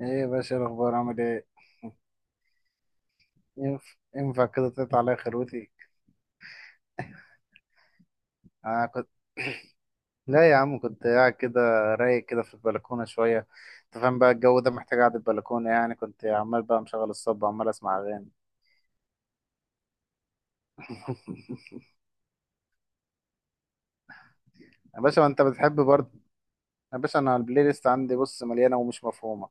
ايه يا باشا؟ إيه الاخبار؟ عامل ايه؟ ينفع كده تقطع عليا خروتي؟ آه كنت لا يا عم، كنت قاعد كده، رايق كده في البلكونه شويه. انت فاهم بقى؟ الجو ده محتاج قعده البلكونه، يعني كنت عمال بقى مشغل الصب وعمال اسمع اغاني. يا باشا، ما انت بتحب برضه. يا باشا، انا البلاي ليست عندي بص مليانه ومش مفهومه.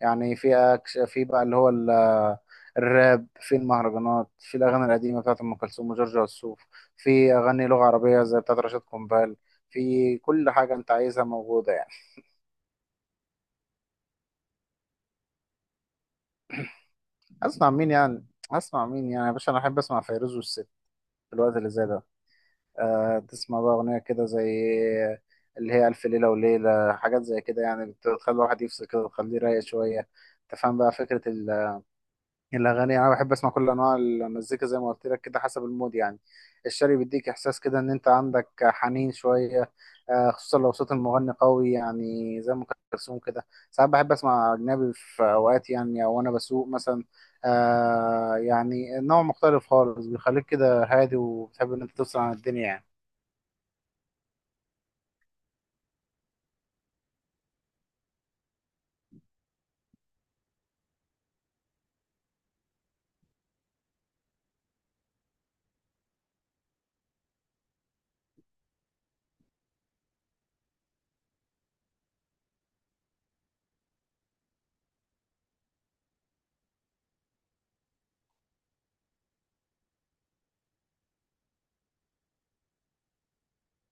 يعني في أكش، في بقى اللي هو الراب، في المهرجانات، في الاغاني القديمه بتاعت ام كلثوم وجورج وسوف، في اغاني لغه عربيه زي بتاعت رشاد قنبال. في كل حاجه انت عايزها موجوده يعني. اسمع مين يعني؟ اسمع مين يعني يا باشا؟ انا احب اسمع فيروز والست في الوقت اللي زي ده. أه، تسمع بقى اغنيه كده زي اللي هي الف ليله وليله، حاجات زي كده يعني، بتخلي الواحد يفصل كده وتخليه رايق شويه. تفهم بقى فكره؟ الأغاني، أنا بحب أسمع كل أنواع المزيكا زي ما قلت لك كده، حسب المود يعني. الشعبي بيديك إحساس كده إن أنت عندك حنين شوية. آه، خصوصا لو صوت المغني قوي يعني، زي أم كلثوم كده. ساعات بحب أسمع أجنبي في أوقات يعني، أو أنا بسوق مثلا. آه، يعني نوع مختلف خالص، بيخليك كده هادي وبتحب إن أنت تفصل عن الدنيا يعني.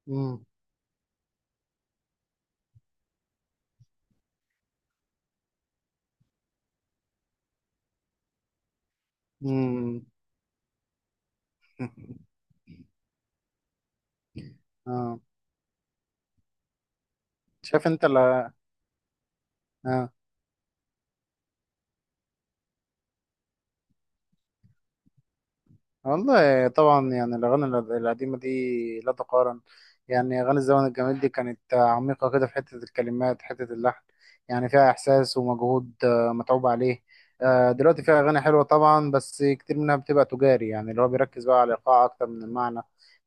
امم. مم. آه. شايف أنت، لا، والله طبعا، يعني الأغاني القديمة دي لا تقارن. يعني أغاني الزمن الجميل دي كانت عميقة كده في حتة الكلمات، حتة اللحن. يعني فيها إحساس ومجهود، متعوب عليه. دلوقتي فيها أغاني حلوة طبعا، بس كتير منها بتبقى تجاري، يعني اللي هو بيركز بقى على الإيقاع أكتر من المعنى.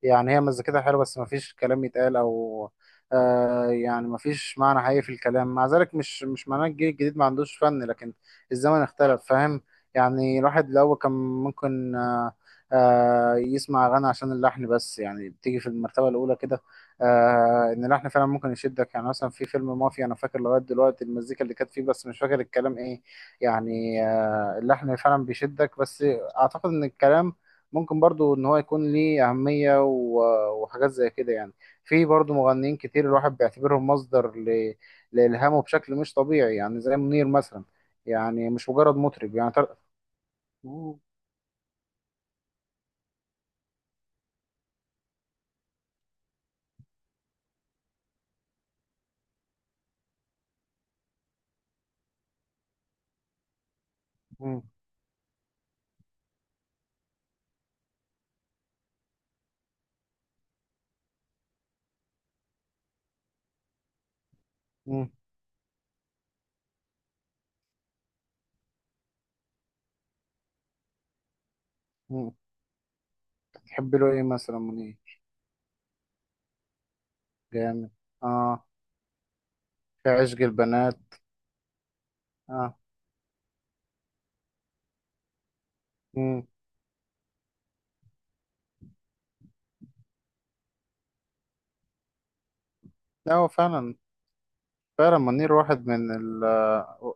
يعني هي مزيكتها حلوة بس مفيش كلام يتقال، أو يعني مفيش معنى حقيقي في الكلام. مع ذلك مش معناه الجيل الجديد ما عندوش فن، لكن الزمن اختلف، فاهم؟ يعني الواحد الأول كان ممكن، يسمع أغاني عشان اللحن بس، يعني بتيجي في المرتبة الأولى كده. إن اللحن فعلا ممكن يشدك، يعني مثلا في فيلم مافيا أنا فاكر لغاية دلوقتي المزيكا اللي كانت فيه بس مش فاكر الكلام إيه. يعني اللحن فعلا بيشدك، بس أعتقد إن الكلام ممكن برضو إن هو يكون ليه أهمية وحاجات زي كده يعني. في برضو مغنيين كتير الواحد بيعتبرهم مصدر لإلهامه بشكل مش طبيعي، يعني زي منير مثلا. يعني مش مجرد مطرب، يعني مم. مم. مم. تحب له ايه مثلا منير؟ جامد. اه. في عشق البنات. اه. امم. لا، هو فعلا. فعلا منير واحد من ال،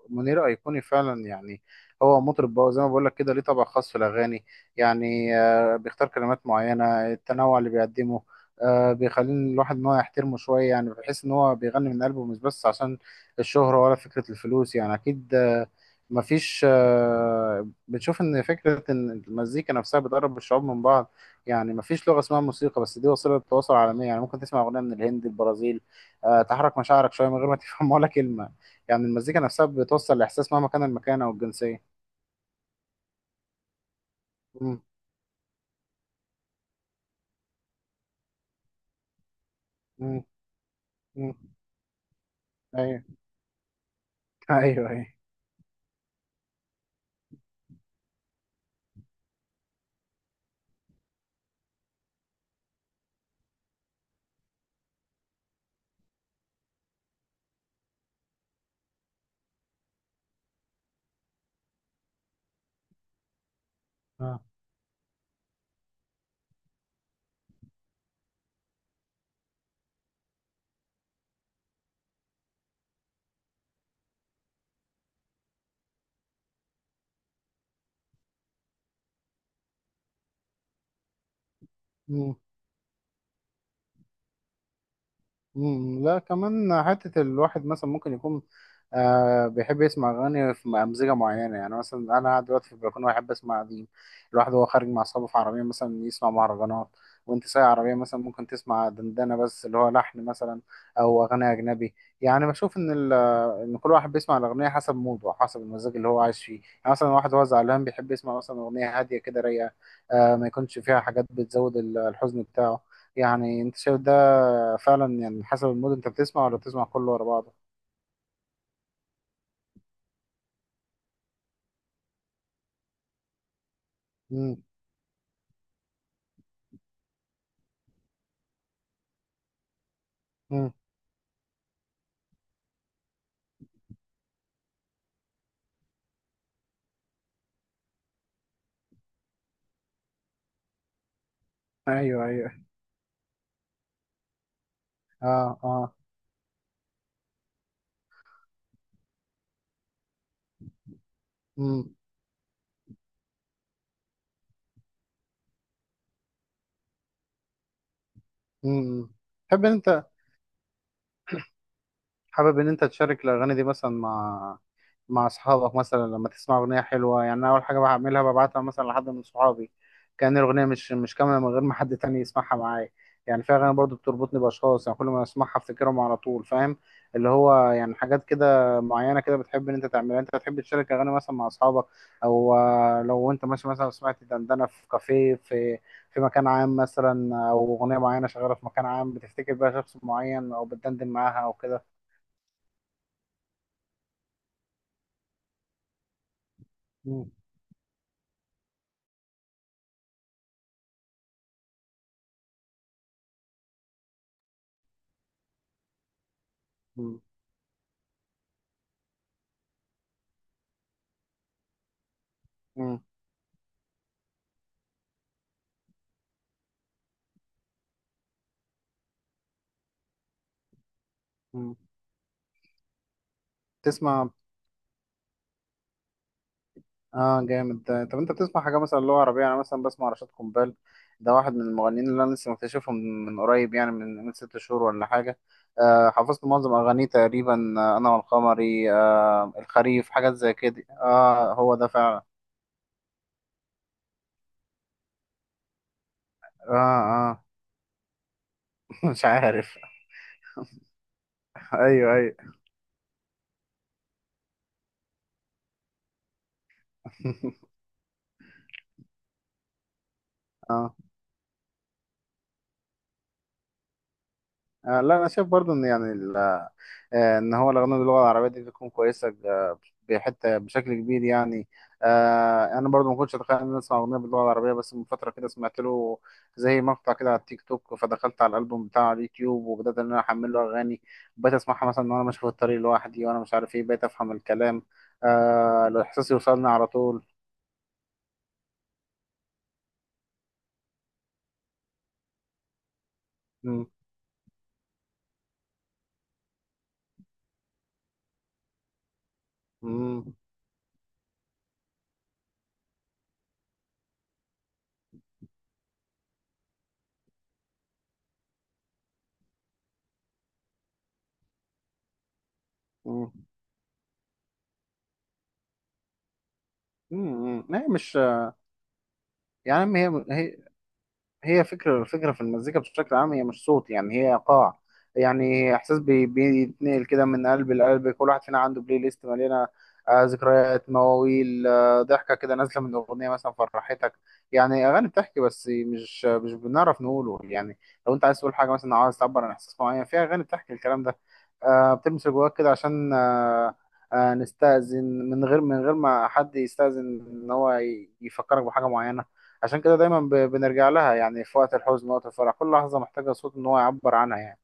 منير أيقوني فعلا يعني. هو مطرب بقى زي ما بقول لك كده، ليه طبع خاص في الأغاني. يعني بيختار كلمات معينة. التنوع اللي بيقدمه، بيخلي الواحد إن هو يحترمه شوية، يعني بحيث إن هو بيغني من قلبه مش بس عشان الشهرة ولا فكرة الفلوس. يعني أكيد، آه، مفيش آه، بنشوف إن فكرة إن المزيكا نفسها بتقرب الشعوب من بعض. يعني مفيش لغة اسمها موسيقى، بس دي وسيلة تواصل عالمية. يعني ممكن تسمع أغنية من الهند، البرازيل، تحرك مشاعرك شويه من غير ما تفهم ولا كلمه. يعني المزيكا نفسها بتوصل لاحساس مهما كان المكان او الجنسيه. مم. مم. مم. ايوه. ايوه ايوه. آه. مم، لا كمان حتة الواحد مثلا ممكن يكون بيحب يسمع أغاني في أمزجة معينة، يعني مثلا أنا قاعد دلوقتي في البلكونة وأحب أسمع قديم. الواحد وهو خارج مع أصحابه في عربية مثلا يسمع مهرجانات، وأنت سايق عربية مثلا ممكن تسمع دندنة بس اللي هو لحن مثلا، أو أغاني أجنبي. يعني بشوف إن ال-، إن كل واحد بيسمع الأغنية حسب موده وحسب المزاج اللي هو عايش فيه. يعني مثلا واحد هو زعلان بيحب يسمع مثلا أغنية هادية كده رايقة، ما يكونش فيها حاجات بتزود الحزن بتاعه. يعني أنت شايف ده؟ فعلا، يعني حسب المود انت بتسمع ولا بتسمع كله ورا بعضه؟ مم. مم. ايوه ايوه. اه اه. امم. امم. تحب انت، حابب ان انت تشارك الاغاني دي مثلا مع مع اصحابك؟ مثلا لما تسمع اغنيه حلوه، يعني أنا اول حاجه بعملها ببعتها مثلا لحد من صحابي، كأن الاغنيه مش كامله من غير ما حد تاني يسمعها معايا. يعني في اغاني برضو بتربطني باشخاص، يعني كل ما اسمعها افتكرهم على طول، فاهم؟ اللي هو يعني حاجات كده معينه كده بتحب ان انت تعملها. انت بتحب تشارك اغاني مثلا مع اصحابك؟ او لو انت ماشي مثلا سمعت دندنه في كافيه، في في مكان عام مثلا، او اغنيه معينه شغاله في مكان عام، بتفتكر بقى شخص معين او بتدندن معاها او كده؟ مم. مم. مم. مم. تسمع. اه جامد ده. طب انت بتسمع حاجه مثلا لغه عربيه؟ انا مثلا بسمع رشاد قنبال. ده واحد من المغنيين اللي انا لسه مكتشفهم من قريب، يعني من 6 شهور ولا حاجه. حفظت معظم اغانيه تقريبا. انا والقمري، الخريف، حاجات زي كده. اه، هو ده فعلا. اه اه. مش عارف. ايوه ايوه. اه. لا، انا شايف برضو ان يعني ال-، ان هو الاغاني باللغه العربيه دي بتكون كويسه بحته بشكل كبير يعني. انا برضو ما كنتش اتخيل ان أنا اسمع اغنيه باللغه العربيه، بس من فتره كده سمعت له زي مقطع كده على التيك توك، فدخلت على الالبوم بتاعه على اليوتيوب وبدات ان انا احمل له اغاني. بقيت اسمعها مثلا وانا ماشي في الطريق لوحدي وانا مش عارف ايه، بقيت افهم الكلام. الاحساس يوصلني على طول. مم، مم، مم، مم، مم. هي مش يعني، هي فكرة في المزيكا بشكل عام، هي مش صوت، يعني هي إيقاع. يعني إحساس بيتنقل كده من قلب لقلب. كل واحد فينا عنده بلاي ليست مليانة، ذكريات، مواويل، ضحكة كده نازلة من أغنية مثلا، فرحتك. يعني أغاني بتحكي، بس مش بنعرف نقوله. يعني لو أنت عايز تقول حاجة مثلا، أو عايز تعبر عن إحساس معين، في أغاني بتحكي الكلام ده. بتلمس جواك كده عشان نستأذن من غير ما حد يستأذن إن هو يفكرك بحاجة معينة. عشان كده دايما بنرجع لها، يعني في وقت الحزن، وقت الفرح، كل لحظة محتاجة صوت إن هو يعبر عنها يعني.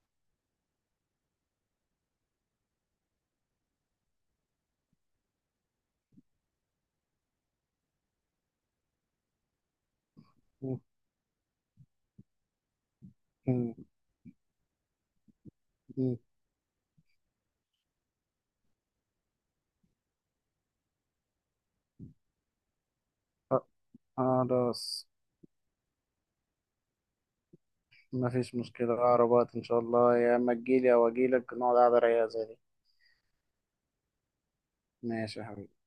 أ- خلاص، مفيش مشكلة. أقرب وقت إن شاء الله يا إما تجيلي أو أجيلك، نقعد قعدة رايقة زي دي. ماشي يا حبيبي.